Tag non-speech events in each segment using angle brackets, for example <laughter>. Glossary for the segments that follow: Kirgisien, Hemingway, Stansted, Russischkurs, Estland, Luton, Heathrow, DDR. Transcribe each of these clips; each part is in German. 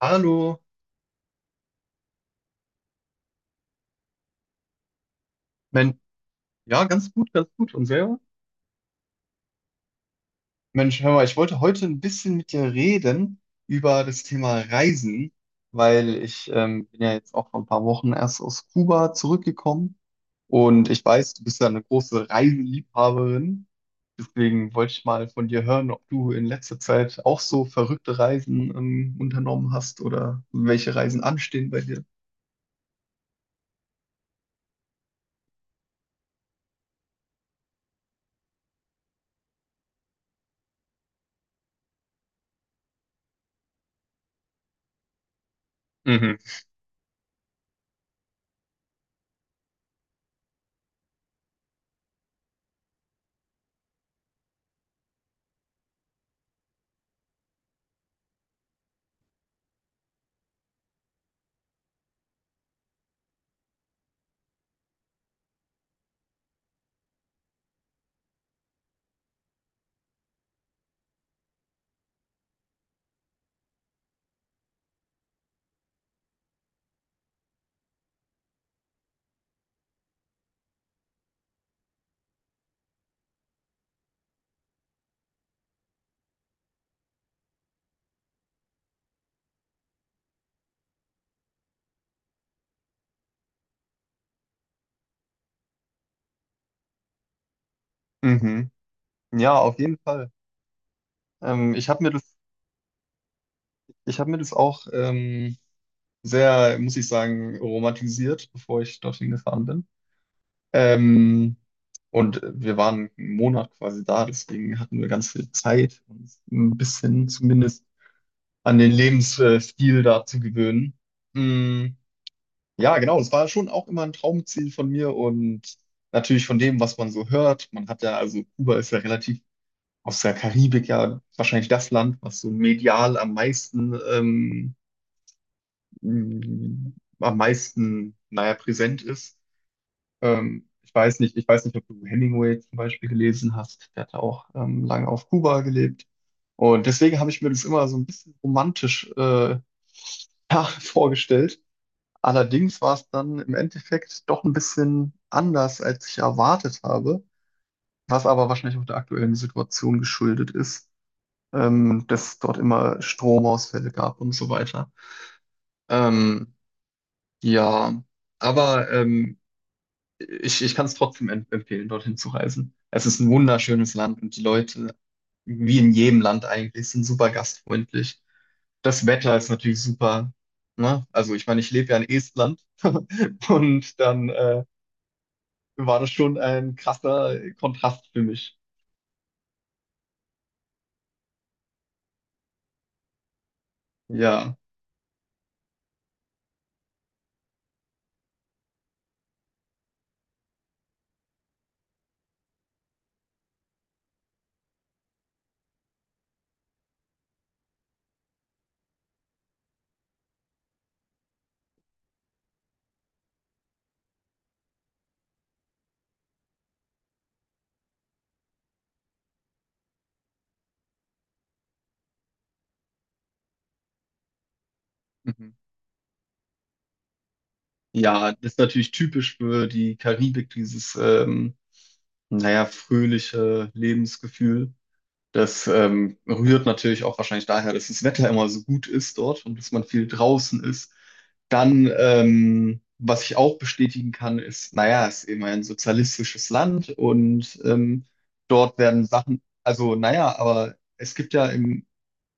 Hallo. Mensch, ja, ganz gut, ganz gut. Und selber? Mensch, hör mal, ich wollte heute ein bisschen mit dir reden über das Thema Reisen, weil ich bin ja jetzt auch vor ein paar Wochen erst aus Kuba zurückgekommen und ich weiß, du bist ja eine große Reiseliebhaberin. Deswegen wollte ich mal von dir hören, ob du in letzter Zeit auch so verrückte Reisen unternommen hast oder welche Reisen anstehen bei dir. Mhm. Mhm. Ja, auf jeden Fall. Ich habe mir das Ich habe mir das auch sehr, muss ich sagen, romantisiert, bevor ich dorthin gefahren bin. Ähm, und wir waren einen Monat quasi da, deswegen hatten wir ganz viel Zeit, uns ein bisschen zumindest an den Lebensstil da zu gewöhnen. Mm, ja, genau, es war schon auch immer ein Traumziel von mir und natürlich von dem, was man so hört. Man hat ja, also Kuba ist ja relativ aus der Karibik ja wahrscheinlich das Land, was so medial am meisten mh, am meisten, naja, präsent ist. Ich weiß nicht, ob du Hemingway zum Beispiel gelesen hast. Der hat ja auch lange auf Kuba gelebt. Und deswegen habe ich mir das immer so ein bisschen romantisch <laughs> ja, vorgestellt. Allerdings war es dann im Endeffekt doch ein bisschen anders, als ich erwartet habe, was aber wahrscheinlich auch der aktuellen Situation geschuldet ist, dass es dort immer Stromausfälle gab und so weiter. Ähm, ja, aber ähm, ich kann es trotzdem empfehlen, dorthin zu reisen. Es ist ein wunderschönes Land und die Leute, wie in jedem Land eigentlich, sind super gastfreundlich. Das Wetter ist natürlich super. Ne? Also ich meine, ich lebe ja in Estland <laughs> und dann war das schon ein krasser Kontrast für mich. Ja. Mhm. Ja, das ist natürlich typisch für die Karibik, dieses, naja, fröhliche Lebensgefühl. Das rührt natürlich auch wahrscheinlich daher, dass das Wetter immer so gut ist dort und dass man viel draußen ist. Dann, was ich auch bestätigen kann, ist, naja, es ist eben ein sozialistisches Land und dort werden Sachen, also naja, aber es gibt ja im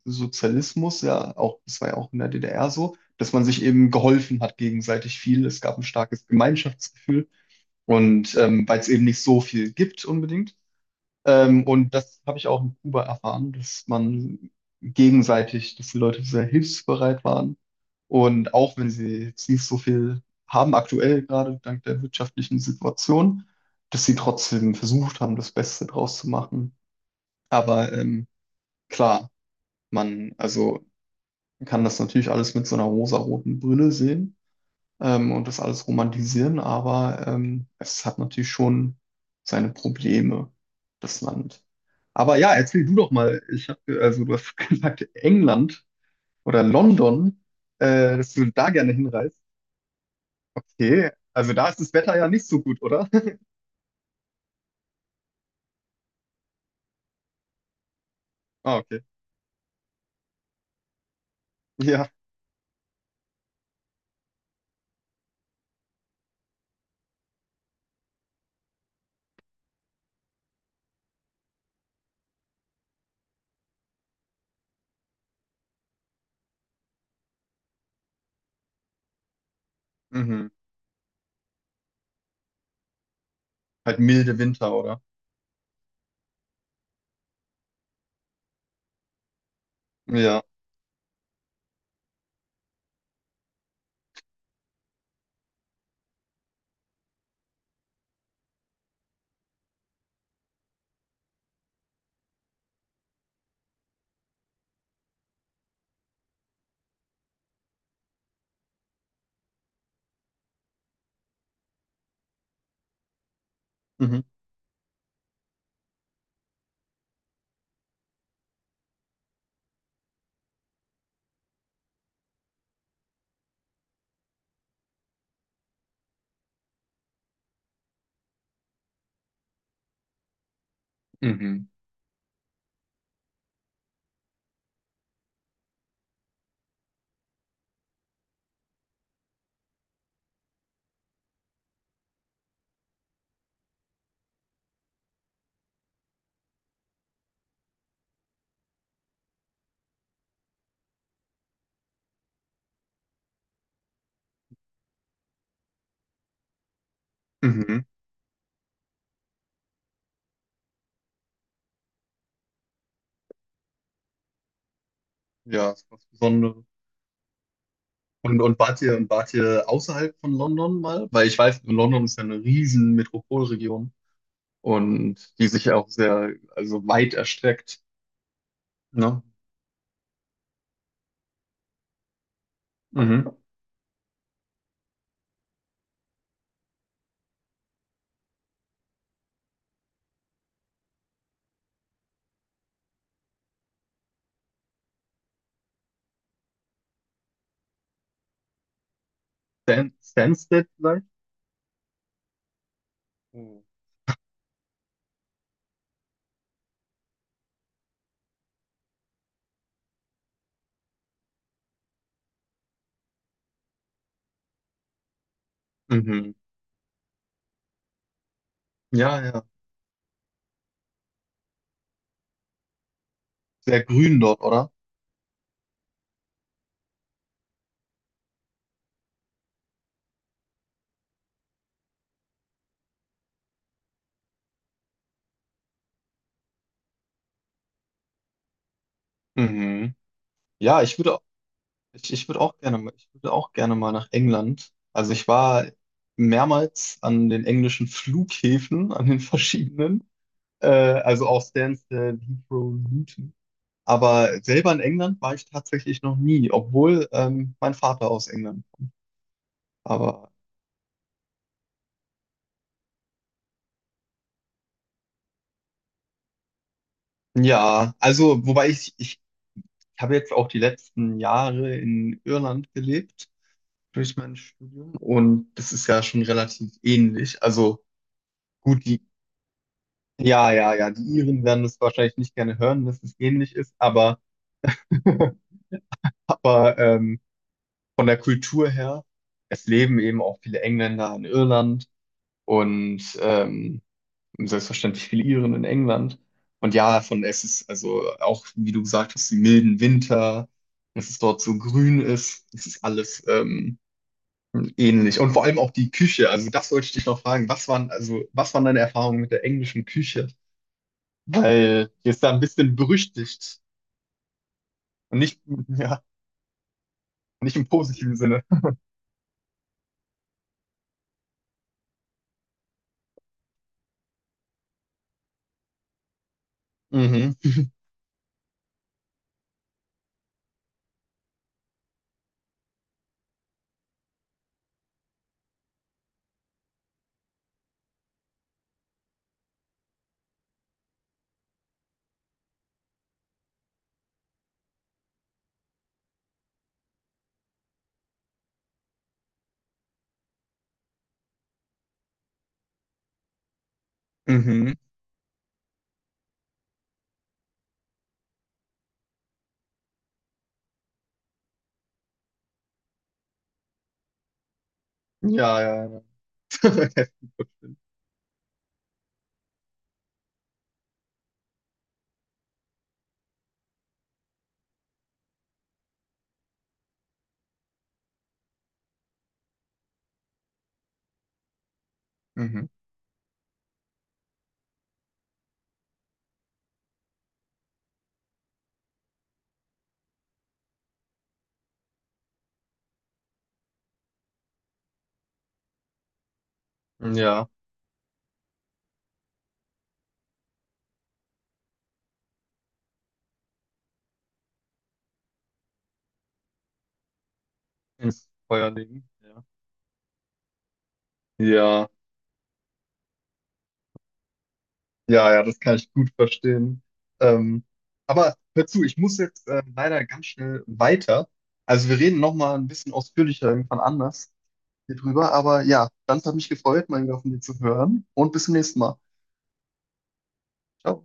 Sozialismus ja auch, das war ja auch in der DDR so, dass man sich eben geholfen hat gegenseitig viel. Es gab ein starkes Gemeinschaftsgefühl und weil es eben nicht so viel gibt unbedingt und das habe ich auch in Kuba erfahren, dass man gegenseitig, dass die Leute sehr hilfsbereit waren. Und auch wenn sie jetzt nicht so viel haben aktuell, gerade dank der wirtschaftlichen Situation, dass sie trotzdem versucht haben, das Beste draus zu machen. Aber klar, man also man kann das natürlich alles mit so einer rosaroten Brille sehen und das alles romantisieren, aber es hat natürlich schon seine Probleme, das Land. Aber ja, erzähl du doch mal. Ich habe, also du hast <laughs> gesagt, England oder London, dass du da gerne hinreist. Okay, also da ist das Wetter ja nicht so gut, oder? <laughs> Ah, okay. Ja, mhm. Halt milde Winter, oder? Ja, mhm. Mhm. Mhm. Ja, ist was Besonderes. Und, wart ihr außerhalb von London mal? Weil ich weiß, London ist ja eine riesen Metropolregion und die sich auch sehr, also weit erstreckt. Ne? Mhm. Stan Stansted vielleicht? Hm. Mhm. Ja, ja. Sehr grün dort, oder? Mhm. Ja, ich würde, ich würde auch gerne, ich würde auch gerne mal nach England. Also ich war mehrmals an den englischen Flughäfen, <laughs> an den verschiedenen, also auch Stansted, Heathrow, Luton. Aber selber in England war ich tatsächlich noch nie, obwohl mein Vater aus England kommt. Aber ja, also wobei ich habe jetzt auch die letzten Jahre in Irland gelebt durch mein Studium und das ist ja schon relativ ähnlich. Also gut, ja, ja, ja, die Iren werden das wahrscheinlich nicht gerne hören, dass es ähnlich ist, aber, <laughs> aber von der Kultur her, es leben eben auch viele Engländer in Irland und selbstverständlich viele Iren in England. Und ja, von es ist also auch, wie du gesagt hast, die milden Winter, dass es dort so grün ist, es ist alles ähnlich. Und vor allem auch die Küche. Also das wollte ich dich noch fragen. Was waren, also, was waren deine Erfahrungen mit der englischen Küche? Weil die ist da ein bisschen berüchtigt. Und nicht, ja, nicht im positiven Sinne. Mhm. Mhm. Ja, ja, ja. <laughs> Mhm. Ja. Ins Feuer legen. Ja. Ja. Ja, ja, das kann ich gut verstehen. Ähm, aber hör zu, ich muss jetzt leider ganz schnell weiter. Also wir reden noch mal ein bisschen ausführlicher irgendwann anders hier drüber. Aber ja, ganz hat mich gefreut, mal wieder von dir zu hören und bis zum nächsten Mal. Ciao.